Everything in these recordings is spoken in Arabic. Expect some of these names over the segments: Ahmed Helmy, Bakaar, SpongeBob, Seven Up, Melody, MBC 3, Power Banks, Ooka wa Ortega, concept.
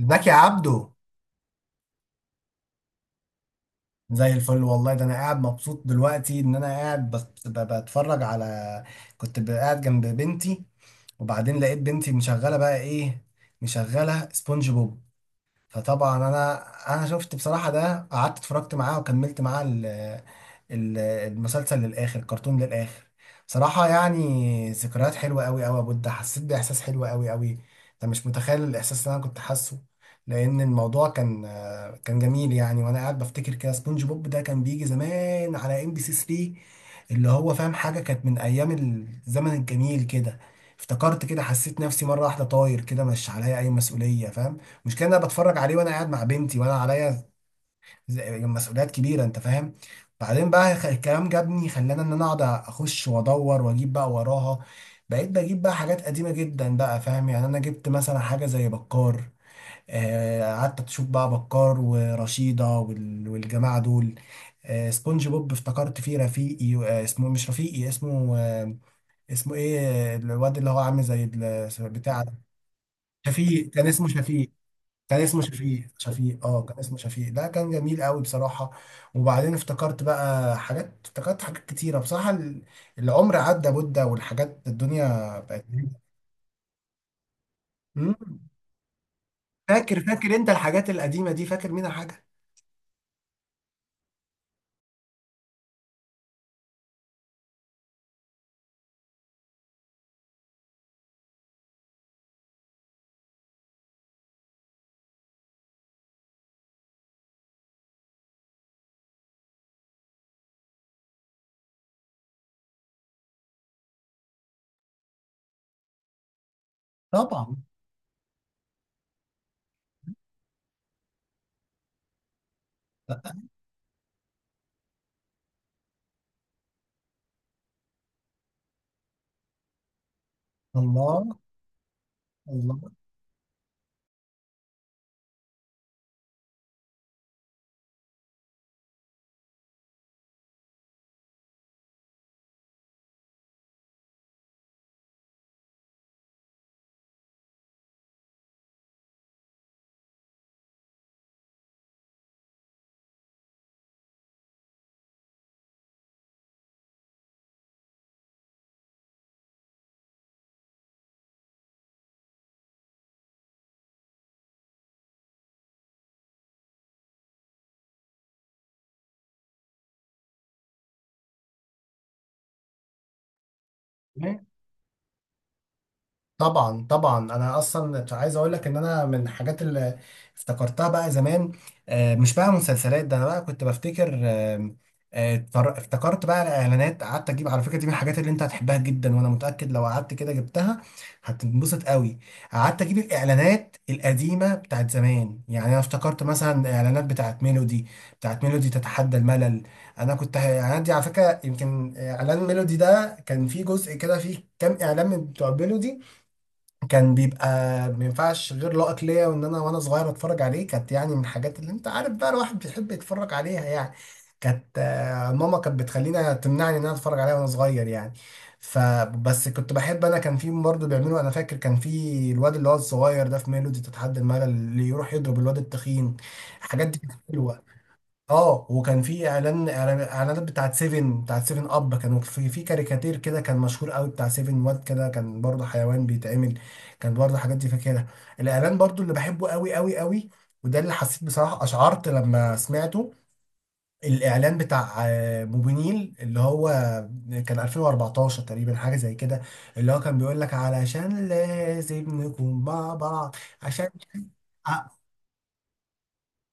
ازيك يا عبدو؟ زي الفل والله. ده انا قاعد مبسوط دلوقتي ان انا قاعد بتفرج على. كنت قاعد جنب بنتي، وبعدين لقيت بنتي مشغله بقى ايه، مشغله سبونج بوب. فطبعا انا شفت بصراحه ده، قعدت اتفرجت معاه وكملت معاه المسلسل للاخر، الكرتون للاخر. بصراحه يعني ذكريات حلوه قوي قوي يا بود، حسيت باحساس حلو قوي قوي. انت مش متخيل الاحساس اللي انا كنت حاسه. لان الموضوع كان جميل يعني، وانا قاعد بفتكر كده سبونج بوب ده كان بيجي زمان على MBC 3، اللي هو فاهم، حاجه كانت من ايام الزمن الجميل كده. افتكرت كده، حسيت نفسي مره واحده طاير كده، مش عليا اي مسؤوليه، فاهم. المشكله إن انا بتفرج عليه وانا قاعد مع بنتي وانا عليا مسؤوليات كبيره، انت فاهم. بعدين بقى الكلام جابني، خلاني ان انا اقعد اخش وادور واجيب بقى وراها. بقيت بجيب بقى حاجات قديمه جدا بقى، فاهم يعني، انا جبت مثلا حاجه زي بكار. قعدت اشوف بقى بكار ورشيده والجماعه دول. سبونج بوب افتكرت فيه رفيقي، اسمه مش رفيقي، اسمه اسمه ايه، الواد اللي هو عامل زي بتاع ده. شفيق، كان اسمه شفيق، كان اسمه شفيق، شفيق، اه، كان اسمه شفيق، ده كان جميل قوي بصراحة. وبعدين افتكرت حاجات كتيرة بصراحة، العمر عدى مدة، والحاجات الدنيا بقت. مم. فاكر، فاكر انت الحاجات القديمة دي، فاكر منها حاجة؟ طبعا. الله، الله. طبعا طبعا، انا اصلا عايز اقول لك ان انا من الحاجات اللي افتكرتها بقى زمان، مش بقى مسلسلات، ده انا بقى كنت بفتكر، افتكرت بقى الاعلانات. قعدت اجيب، على فكره دي من الحاجات اللي انت هتحبها جدا، وانا متاكد لو قعدت كده جبتها هتنبسط قوي. قعدت اجيب الاعلانات القديمه بتاعت زمان، يعني انا افتكرت مثلا اعلانات بتاعت ميلودي، بتاعت ميلودي تتحدى الملل. انا كنت الاعلانات دي على فكره، يمكن اعلان ميلودي ده كان فيه جزء كده، فيه كام اعلان من بتوع ميلودي، كان بيبقى ما ينفعش غير لقط ليا، وان انا وانا صغير اتفرج عليه، كانت يعني من الحاجات اللي انت عارف بقى الواحد بيحب يتفرج عليها يعني. كانت ماما كانت بتخلينا، تمنعني ان انا اتفرج عليها وانا صغير يعني. فبس كنت بحب، انا كان في برضه بيعملوا، انا فاكر كان في الواد اللي هو الصغير ده في ميلودي تتحدى الملل، اللي يروح يضرب الواد التخين. الحاجات دي كانت حلوه. اه، وكان في اعلان اعلانات بتاعت سيفن اب، كانوا في كاريكاتير كده كان مشهور قوي بتاع سيفن، واد كده كان برضه حيوان بيتعمل، كان برضه حاجات دي فاكرها. الاعلان برضه اللي بحبه قوي قوي قوي، وده اللي حسيت بصراحة، اشعرت لما سمعته، الاعلان بتاع موبينيل، اللي هو كان 2014 تقريبا، حاجة زي كده، اللي هو كان بيقول لك علشان لازم نكون مع بعض، عشان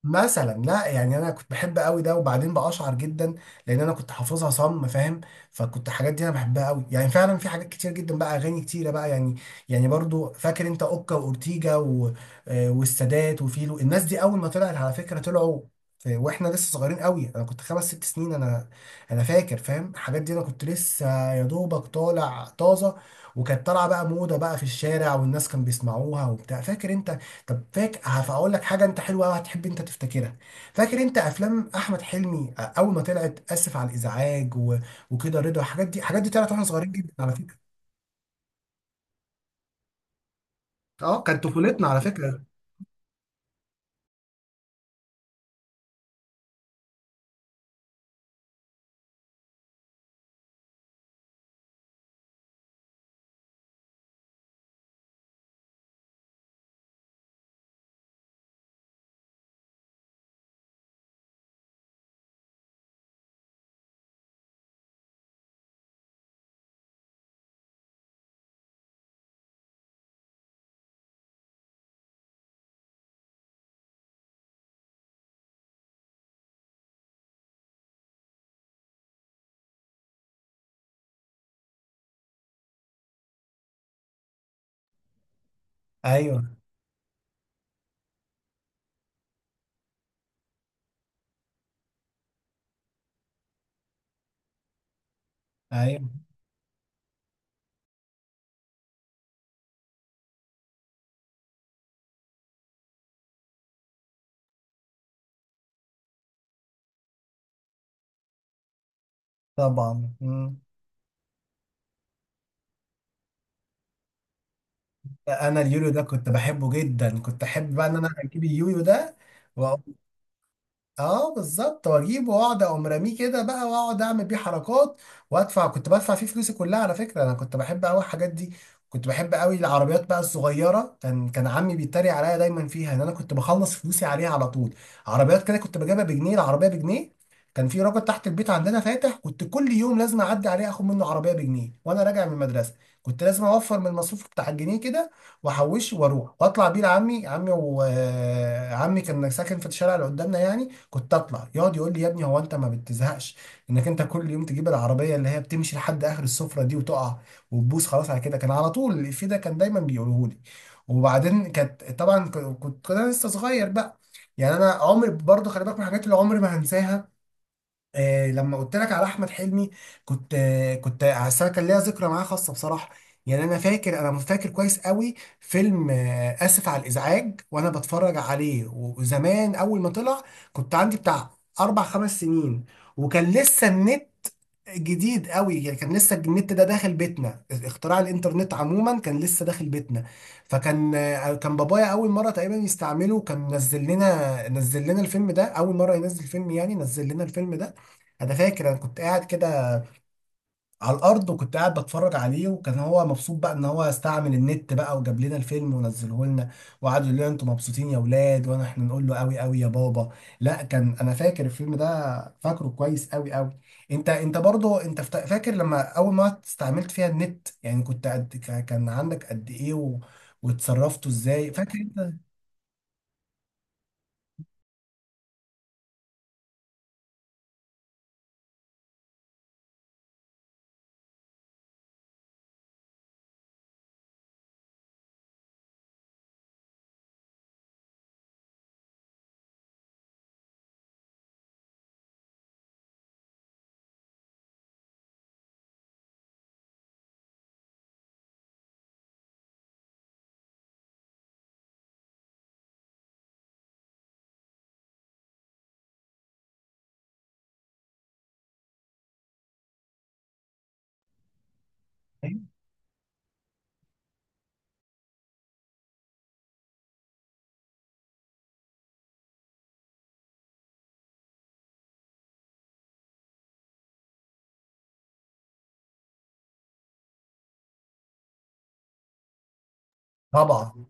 مثلا، لا يعني انا كنت بحب قوي ده، وبعدين بقشعر جدا لان انا كنت حافظها صم، فاهم. فكنت الحاجات دي انا بحبها قوي يعني، فعلا في حاجات كتير جدا بقى، اغاني كتيره بقى يعني. يعني برضو فاكر انت اوكا واورتيجا و، والسادات وفيلو، الناس دي اول ما طلعت على فكره، طلعوا واحنا لسه صغيرين قوي، انا كنت خمس ست سنين انا. انا فاكر، فاهم الحاجات دي، انا كنت لسه يا دوبك طالع طازه، وكانت طالعه بقى موضه بقى في الشارع، والناس كانوا بيسمعوها وبتاع، فاكر انت؟ طب فاكر، هقول لك حاجه انت حلوه قوي هتحب انت تفتكرها. فاكر انت افلام احمد حلمي اول ما طلعت، اسف على الازعاج و، وكده، رضا، الحاجات دي، الحاجات دي طلعت واحنا صغيرين جدا على فكره. اه كانت طفولتنا على فكره. ايوه، ايوه. طبعا. مم. انا اليوليو ده كنت بحبه جدا، كنت احب بقى ان انا اجيب اليويو ده. اه بالظبط، واجيبه واقعد اقوم راميه كده بقى، واقعد اعمل بيه حركات، وادفع، كنت بدفع فيه فلوسي كلها على فكره، انا كنت بحب قوي الحاجات دي. كنت بحب قوي العربيات بقى الصغيره، كان عمي بيتريق عليا دايما فيها ان انا كنت بخلص فلوسي عليها على طول. عربيات كده كنت بجيبها بجنيه، العربيه بجنيه. كان في راجل تحت البيت عندنا فاتح، كنت كل يوم لازم اعدي عليه اخد منه عربيه بجنيه وانا راجع من المدرسه. كنت لازم اوفر من المصروف بتاع الجنيه كده، واحوشه واروح واطلع بيه لعمي، عمي وعمي كان ساكن في الشارع اللي قدامنا يعني. كنت اطلع يقعد يقول لي: يا ابني هو انت ما بتزهقش انك انت كل يوم تجيب العربيه اللي هي بتمشي لحد اخر السفره دي وتقع وتبوس، خلاص على كده. كان على طول الإفيه ده كان دايما بيقوله لي. وبعدين كانت طبعا كنت انا لسه صغير بقى. يعني انا عمري برضه، خلي بالك من الحاجات اللي عمري ما هنساها، آه لما قلت لك على احمد حلمي، كنت آه، كنت أصل أنا كان ليا ذكرى معاه خاصه بصراحه. يعني انا فاكر، انا فاكر كويس قوي فيلم آه اسف على الازعاج وانا بتفرج عليه، وزمان اول ما طلع كنت عندي بتاع اربع خمس سنين. وكان لسه النت جديد قوي يعني، كان لسه النت ده داخل بيتنا، اختراع الانترنت عموما كان لسه داخل بيتنا. فكان كان بابايا اول مره تقريبا يستعمله، كان نزل لنا الفيلم ده، اول مره ينزل فيلم يعني، نزل لنا الفيلم ده. انا فاكر انا كنت قاعد كده على الارض، وكنت قاعد بتفرج عليه، وكان هو مبسوط بقى ان هو استعمل النت بقى وجاب لنا الفيلم ونزله لنا، وقعد يقول لنا: انتوا مبسوطين يا ولاد، وانا احنا نقول له: قوي قوي يا بابا. لا كان انا فاكر الفيلم ده فاكره كويس قوي قوي. انت برضه انت، فاكر لما اول ما استعملت فيها النت يعني، كنت قد كان عندك قد ايه و، واتصرفتوا ازاي، فاكر انت؟ أيوه. طبعا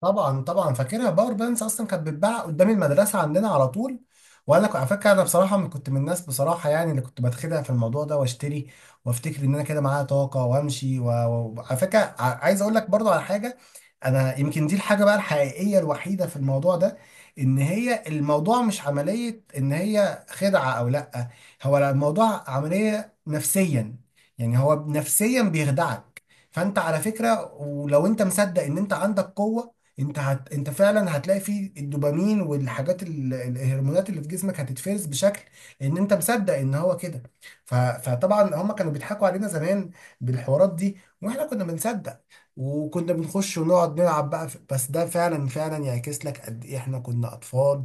طبعا، طبعا فاكرها، باور بانكس اصلا كانت بتتباع قدام المدرسه عندنا على طول. وانا على فكره انا بصراحه، كنت من الناس بصراحه يعني اللي كنت بتخدع في الموضوع ده، واشتري وافتكر ان انا كده معايا طاقه وامشي، وعلى فكره عايز اقول لك برضو على حاجه. انا يمكن دي الحاجه بقى الحقيقيه الوحيده في الموضوع ده، ان هي الموضوع مش عمليه ان هي خدعه او لا، هو الموضوع عمليه نفسيا. يعني هو نفسيا بيخدعك، فانت على فكره ولو انت مصدق ان انت عندك قوه، انت فعلا هتلاقي فيه الدوبامين الهرمونات اللي في جسمك هتتفرز بشكل ان انت مصدق ان هو كده. فطبعا هم كانوا بيضحكوا علينا زمان بالحوارات دي واحنا كنا بنصدق. وكنا بنخش ونقعد نلعب بقى بس ده فعلا فعلا يعكس لك قد ايه احنا كنا اطفال،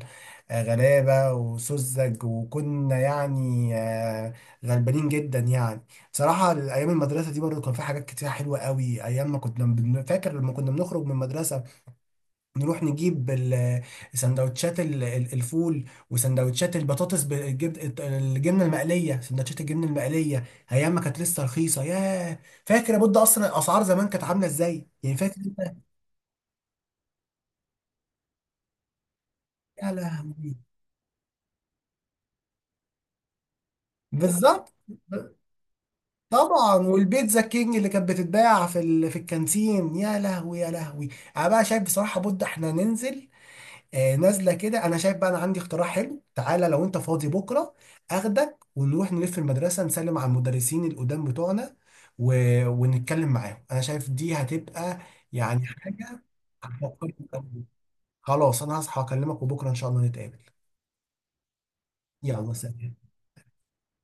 غلابة وسذج، وكنا يعني غلبانين جدا يعني. بصراحة ايام المدرسة دي برضه كان في حاجات كتير حلوة قوي ايام ما كنا فاكر لما كنا بنخرج من المدرسة نروح نجيب سندوتشات الفول، وسندوتشات البطاطس بالجبن، الجبنه المقليه، سندوتشات الجبنه المقليه، ايام ما كانت لسه رخيصه، ياه. فاكر يا بود اصلا الاسعار زمان كانت عامله ازاي يعني، فاكر انت؟ يا لهوي. بالظبط طبعا، والبيتزا كينج اللي كانت بتتباع في الكانتين، يا لهوي يا لهوي. انا بقى شايف بصراحه بود احنا ننزل، نازله كده. انا شايف بقى انا عندي اقتراح حلو، تعالى لو انت فاضي بكره اخدك ونروح نلف المدرسه، نسلم على المدرسين القدام بتوعنا و... ونتكلم معاهم، انا شايف دي هتبقى يعني حاجه هتفكرني. خلاص انا هصحى اكلمك، وبكره ان شاء الله نتقابل. يلا سلام.